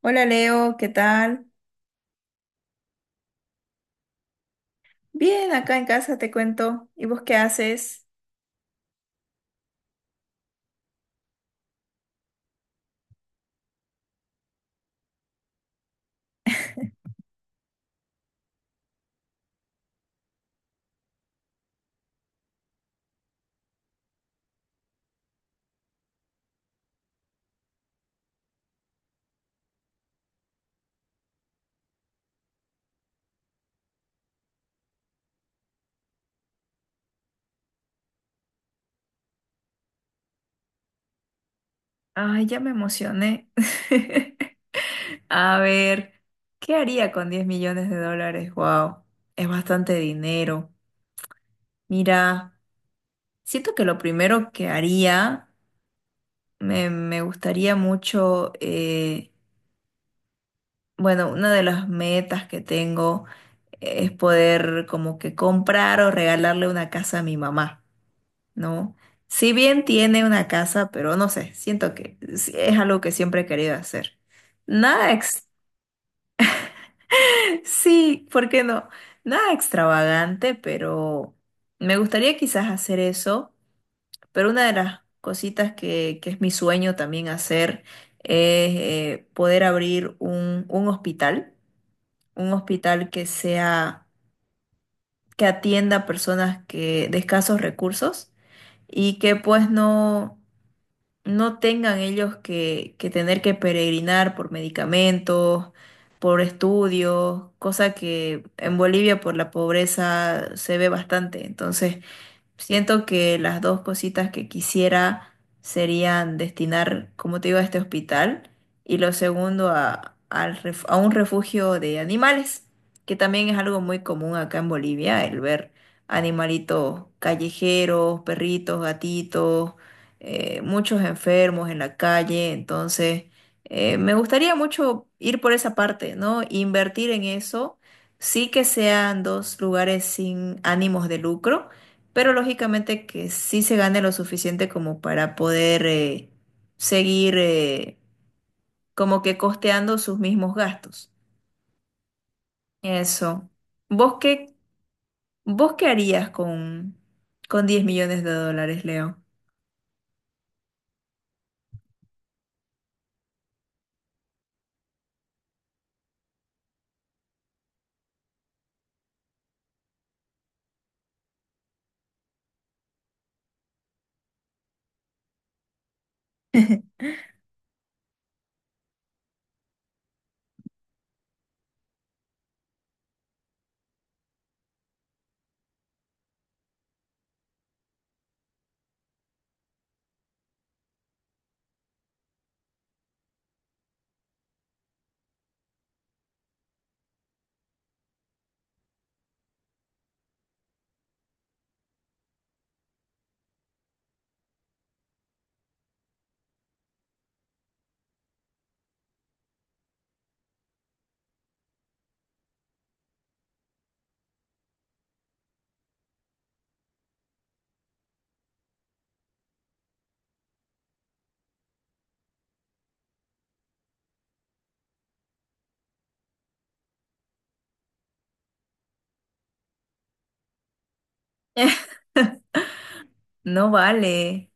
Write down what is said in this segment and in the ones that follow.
Hola Leo, ¿qué tal? Bien, acá en casa te cuento. ¿Y vos qué haces? Ay, ya me emocioné. A ver, ¿qué haría con $10 millones? Wow, es bastante dinero. Mira, siento que lo primero que haría, me gustaría mucho, bueno, una de las metas que tengo es poder como que comprar o regalarle una casa a mi mamá. No, si bien tiene una casa, pero no sé, siento que sí es algo que siempre he querido hacer. Nada ex, sí, ¿por qué no? Nada extravagante, pero me gustaría quizás hacer eso, pero una de las cositas que es mi sueño también hacer es poder abrir un hospital que sea, que atienda a personas que, de escasos recursos y que pues no tengan ellos que tener que peregrinar por medicamentos, por estudios, cosa que en Bolivia por la pobreza se ve bastante. Entonces, siento que las dos cositas que quisiera serían destinar, como te digo, a este hospital y lo segundo a, a un refugio de animales, que también es algo muy común acá en Bolivia, el ver animalitos callejeros, perritos, gatitos, muchos enfermos en la calle. Entonces, me gustaría mucho ir por esa parte, ¿no? Invertir en eso, sí que sean dos lugares sin ánimos de lucro pero lógicamente que sí se gane lo suficiente como para poder seguir como que costeando sus mismos gastos. Eso. ¿Vos qué, vos qué harías con $10 millones, Leo? No vale.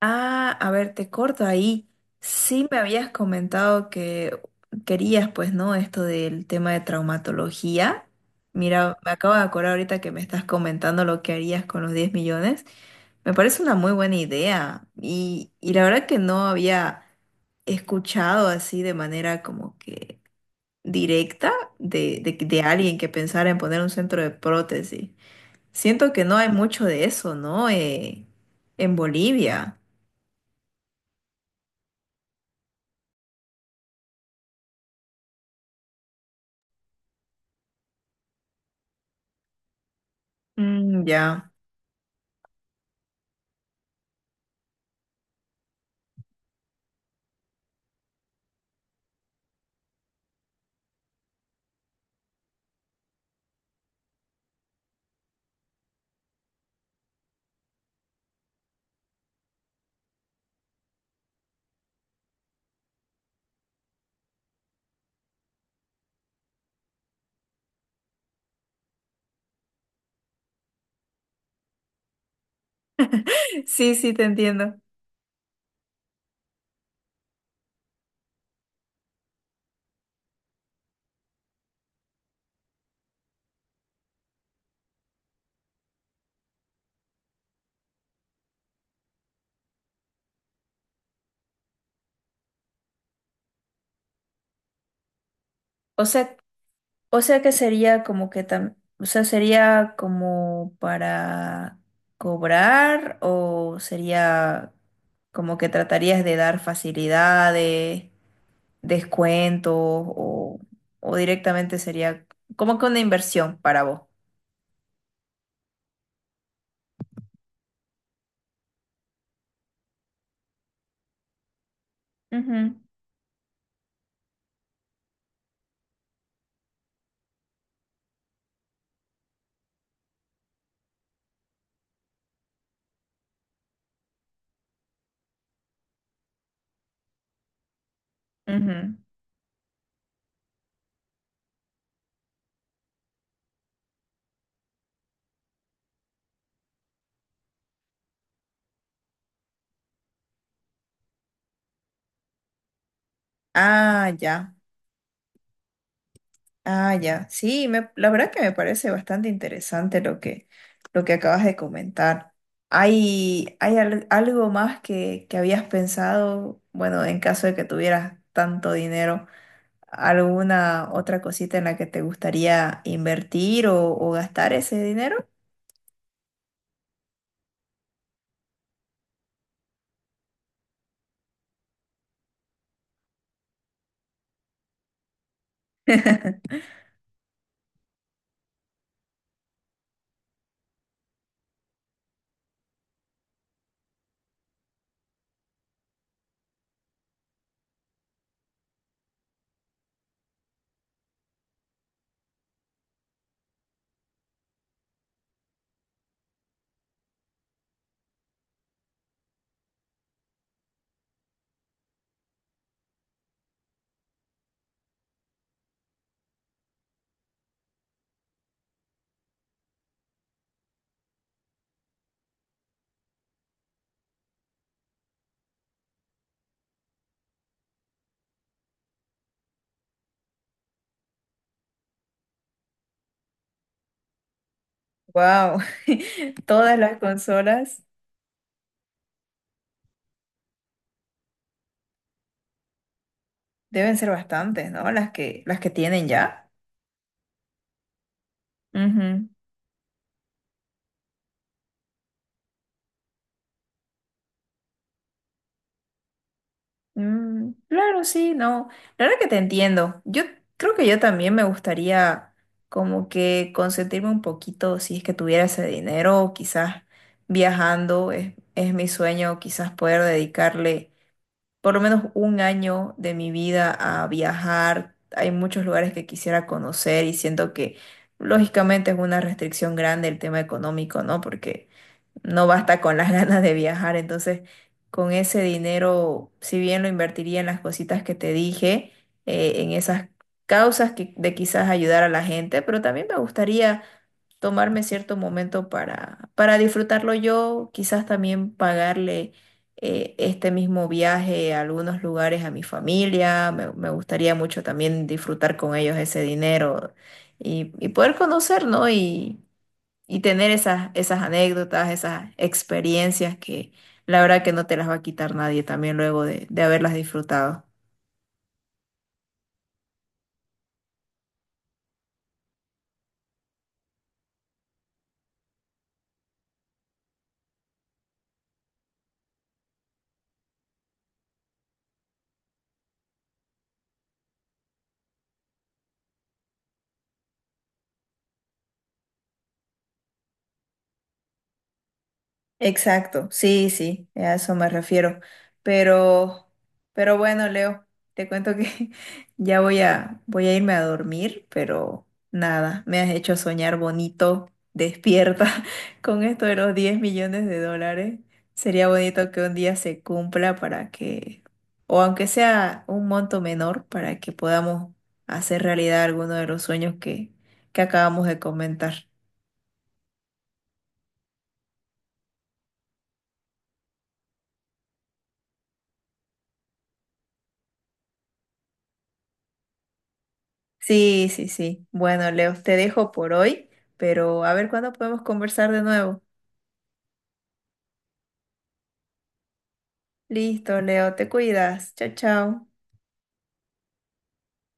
Ah, a ver, te corto ahí. Sí me habías comentado que querías, pues, ¿no? Esto del tema de traumatología. Mira, me acabo de acordar ahorita que me estás comentando lo que harías con los 10 millones. Me parece una muy buena idea y la verdad que no había escuchado así de manera como que directa de alguien que pensara en poner un centro de prótesis. Siento que no hay mucho de eso, ¿no? En Bolivia. Mm, ya. Sí, sí, te entiendo. O sea, que sería como que o sea, sería como para cobrar o sería como que tratarías de dar facilidades, descuentos o directamente sería como que una inversión para vos. Ujú, ujú. Ah, ya. Ah, ya. Sí, la verdad que me parece bastante interesante lo que acabas de comentar. ¿Hay algo más que habías pensado? Bueno, en caso de que tuvieras tanto dinero, ¿alguna otra cosita en la que te gustaría invertir o gastar ese dinero? Wow, todas las consolas deben ser bastantes, ¿no? Las que tienen ya. Ujú. Mm, claro, sí, no. La verdad que te entiendo. Yo creo que yo también me gustaría como que consentirme un poquito si es que tuviera ese dinero, quizás viajando, es mi sueño, quizás poder dedicarle por lo menos un año de mi vida a viajar. Hay muchos lugares que quisiera conocer y siento que lógicamente es una restricción grande el tema económico, ¿no? Porque no basta con las ganas de viajar. Entonces, con ese dinero, si bien lo invertiría en las cositas que te dije, en esas causas que, de quizás ayudar a la gente, pero también me gustaría tomarme cierto momento para, disfrutarlo yo, quizás también pagarle este mismo viaje a algunos lugares a mi familia. Me gustaría mucho también disfrutar con ellos ese dinero y poder conocer, ¿no? Y tener esas anécdotas, esas experiencias que la verdad que no te las va a quitar nadie también luego de haberlas disfrutado. Exacto, sí, sí, a eso me refiero. Pero, bueno, Leo, te cuento que ya voy a irme a dormir, pero nada, me has hecho soñar bonito, despierta con esto de los $10 millones. Sería bonito que un día se cumpla para que, o aunque sea un monto menor, para que podamos hacer realidad alguno de los sueños que acabamos de comentar. Sí, sí, sí. Bueno, Leo, te dejo por hoy, pero a ver cuándo podemos conversar de nuevo. Listo, Leo, te cuidas. Chao, chao.